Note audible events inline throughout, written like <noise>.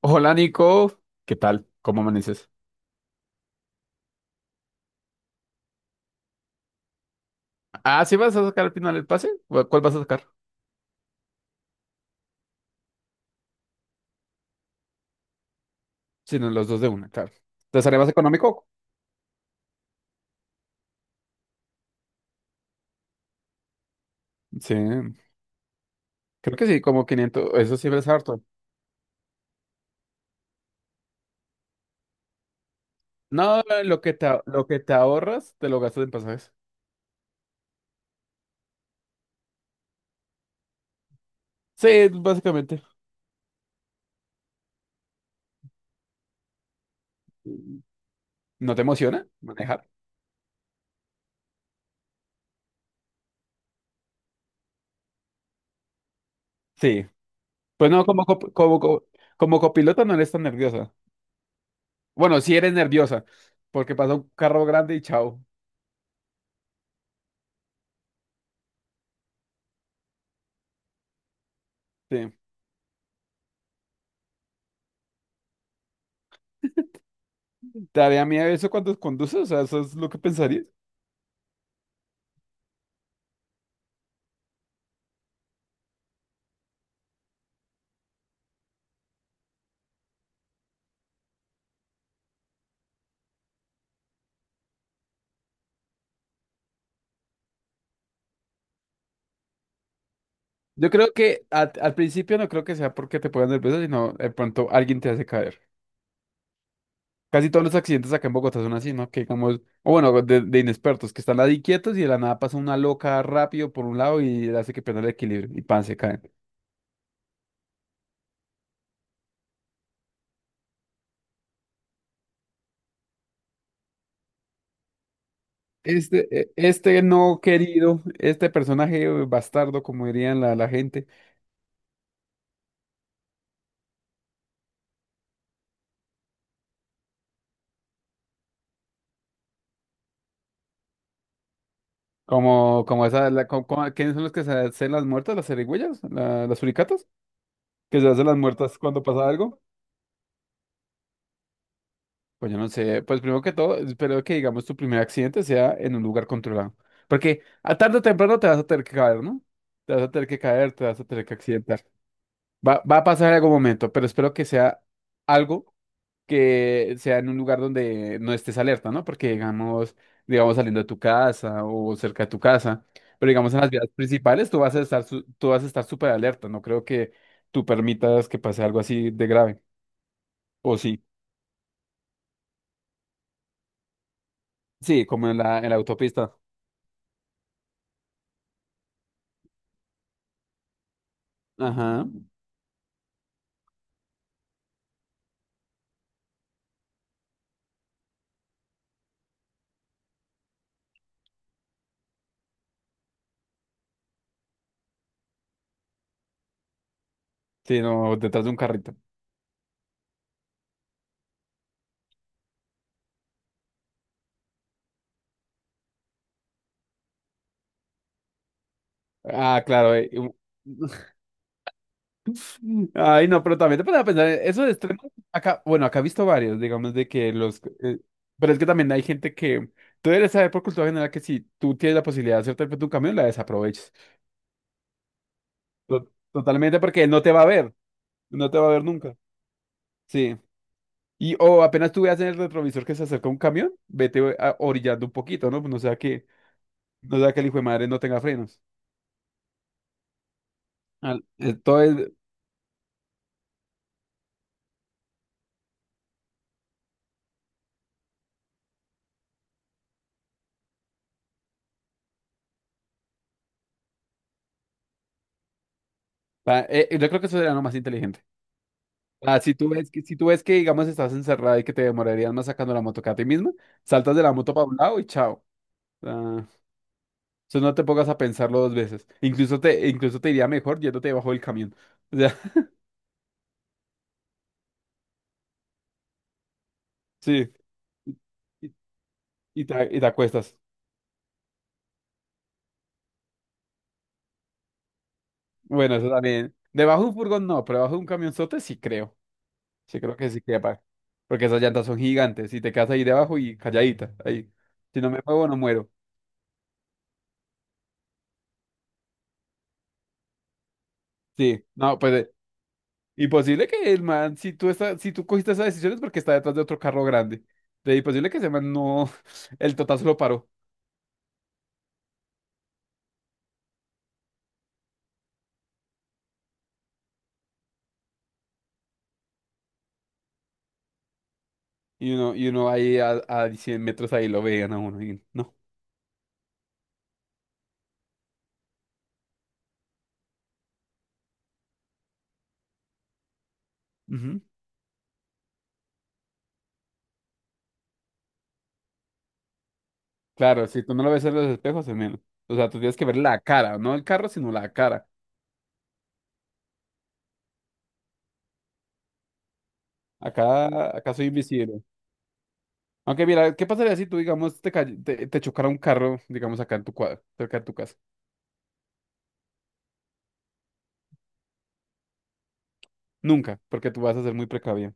Hola Nico, ¿qué tal? ¿Cómo amaneces? Ah, ¿sí vas a sacar al final el pase? ¿O ¿Cuál vas a sacar? Si no, los dos de una, claro. ¿Te sale más económico? Sí, creo que sí, como 500, eso siempre es harto. No, lo que te ahorras, te lo gastas en pasajes. Sí, básicamente. ¿No te emociona manejar? Sí. Pues no, como copiloto no eres tan nerviosa. Bueno, sí eres nerviosa, porque pasa un carro grande y chao. Sí. ¿Te daría miedo eso cuando conduces? O sea, ¿eso es lo que pensarías? Yo creo que al principio no creo que sea porque te pongas nervioso, sino de pronto alguien te hace caer. Casi todos los accidentes acá en Bogotá son así, ¿no? Que digamos, o bueno, de inexpertos, que están ahí quietos y de la nada pasa una loca rápido por un lado y hace que pierda el equilibrio y pan, se caen. Este no querido, este personaje bastardo, como dirían la gente, como, como esa, ¿quiénes son los que se hacen las muertas, las serigüeyas, las suricatas? Que se hacen las muertas cuando pasa algo. Pues yo no sé, pues primero que todo, espero que digamos tu primer accidente sea en un lugar controlado. Porque a tarde o temprano te vas a tener que caer, ¿no? Te vas a tener que caer, te vas a tener que accidentar. Va a pasar en algún momento, pero espero que sea algo que sea en un lugar donde no estés alerta, ¿no? Porque digamos, digamos saliendo de tu casa o cerca de tu casa, pero digamos en las vías principales tú vas a estar súper alerta. No creo que tú permitas que pase algo así de grave. O sí, sí, como en la autopista. Ajá. Sí, no, detrás de un carrito. Ah, claro. <laughs> Ay, no, pero también te pones a pensar, eso de extremos, acá, bueno, acá he visto varios, digamos, pero es que también hay gente que tú debes saber por cultura general que si tú tienes la posibilidad de hacerte frente a un camión, la desaproveches. To- Totalmente porque no te va a ver, no te va a ver nunca. Sí. Y o apenas tú veas en el retrovisor que se acerca un camión, vete orillando un poquito, ¿no? Pues no sea que, no sea que el hijo de madre no tenga frenos. Al- eh, Todo es, yo creo que eso sería lo más inteligente. Ah, si tú ves que, si tú ves que, digamos, estás encerrada y que te demorarías más sacando la moto que a ti misma, saltas de la moto para un lado y chao. Ah, eso no te pongas a pensarlo dos veces. Incluso te iría mejor yéndote debajo del camión. <laughs> O sea, sí. Y, y te acuestas. Bueno, eso también. Debajo de un furgón no, pero debajo de un camionzote sí creo. Sí creo que sí quepa. Porque esas llantas son gigantes y te quedas ahí debajo y calladita. Ahí. Si no me muevo, no muero. Sí. No, pues y posible que el man, si tú cogiste esa decisión es porque está detrás de otro carro grande. Y posible que ese man no, <laughs> el totazo lo paró. Y uno ahí a 100 metros ahí lo veían a uno. Y no. Ujú. Claro, si tú no lo ves en los espejos, es menos. O sea, tú tienes que ver la cara, no el carro, sino la cara. Acá, acá soy invisible. Aunque mira, ¿qué pasaría si tú, digamos, te chocara un carro, digamos, acá en tu cuadro, cerca de tu casa? Nunca, porque tú vas a ser muy precavido.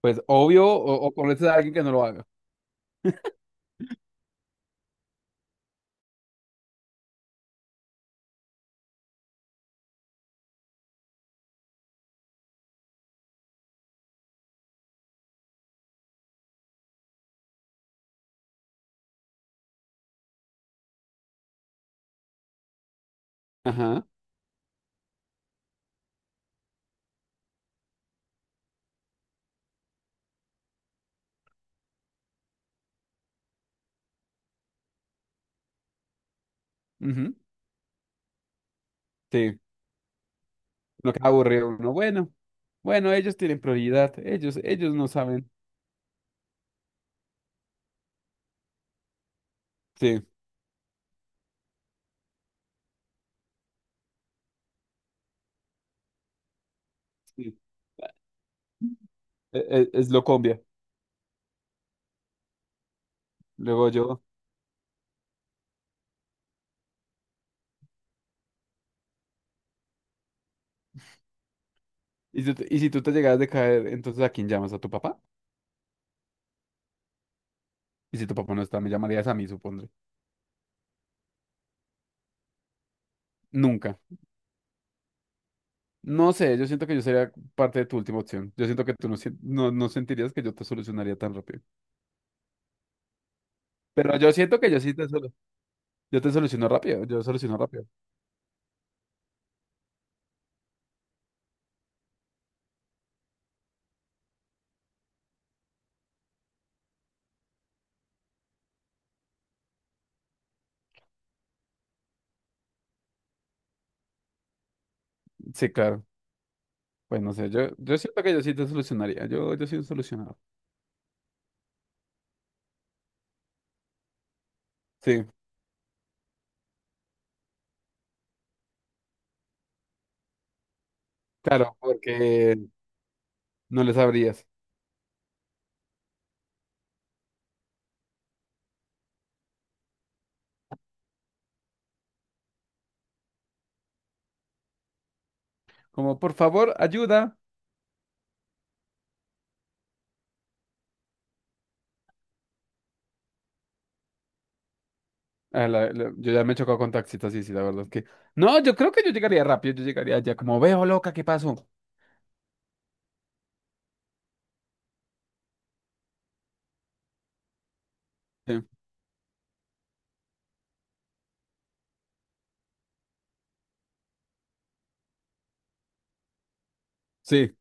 Pues obvio, o conoces a alguien que no lo haga. Ajá, ujú, sí. Lo que aburre a uno. Bueno, bueno, ellos tienen prioridad. Ellos no saben. Sí, sí. Es, lo combia. Luego yo. Y si tú te llegas de caer, entonces ¿a quién llamas? ¿A tu papá? Y si tu papá no está, me llamarías a mí, supondré. Nunca. No sé, yo siento que yo sería parte de tu última opción. Yo siento que tú no, sien- no, no sentirías que yo te solucionaría tan rápido. Pero yo siento que yo sí te soluciono. Yo te soluciono rápido. Yo soluciono rápido. Sí, claro. Pues no sé, yo siento que yo sí te solucionaría. Yo soy un solucionador. Sí, claro, porque no le sabrías. Como, por favor, ayuda. Ah, yo ya me he chocado con taxistas, sí, sí, la verdad es que. No, yo creo que yo llegaría rápido, yo llegaría ya como, veo loca, ¿qué pasó? Sí. Sí.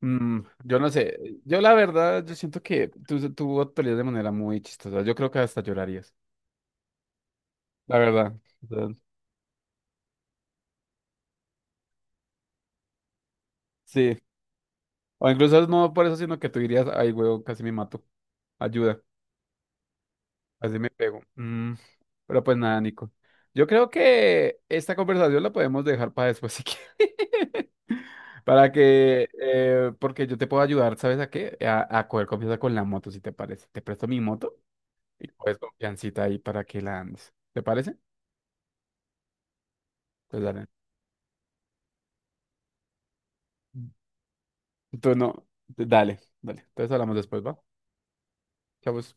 Mm, yo no sé. Yo la verdad, yo siento que tú actuarías de manera muy chistosa. Yo creo que hasta llorarías. La verdad. O sea, sí. O incluso no por eso, sino que tú dirías, ay, huevo, casi me mato. Ayuda. Así me pego. Mm, pero pues nada, Nico. Yo creo que esta conversación la podemos dejar para después si quieres. <laughs> Porque yo te puedo ayudar, ¿sabes a qué? A coger confianza con la moto, si te parece. Te presto mi moto y coges confiancita ahí para que la andes. ¿Te parece? Pues dale. Tú no, dale, dale. Entonces hablamos después, ¿va? Chao, pues.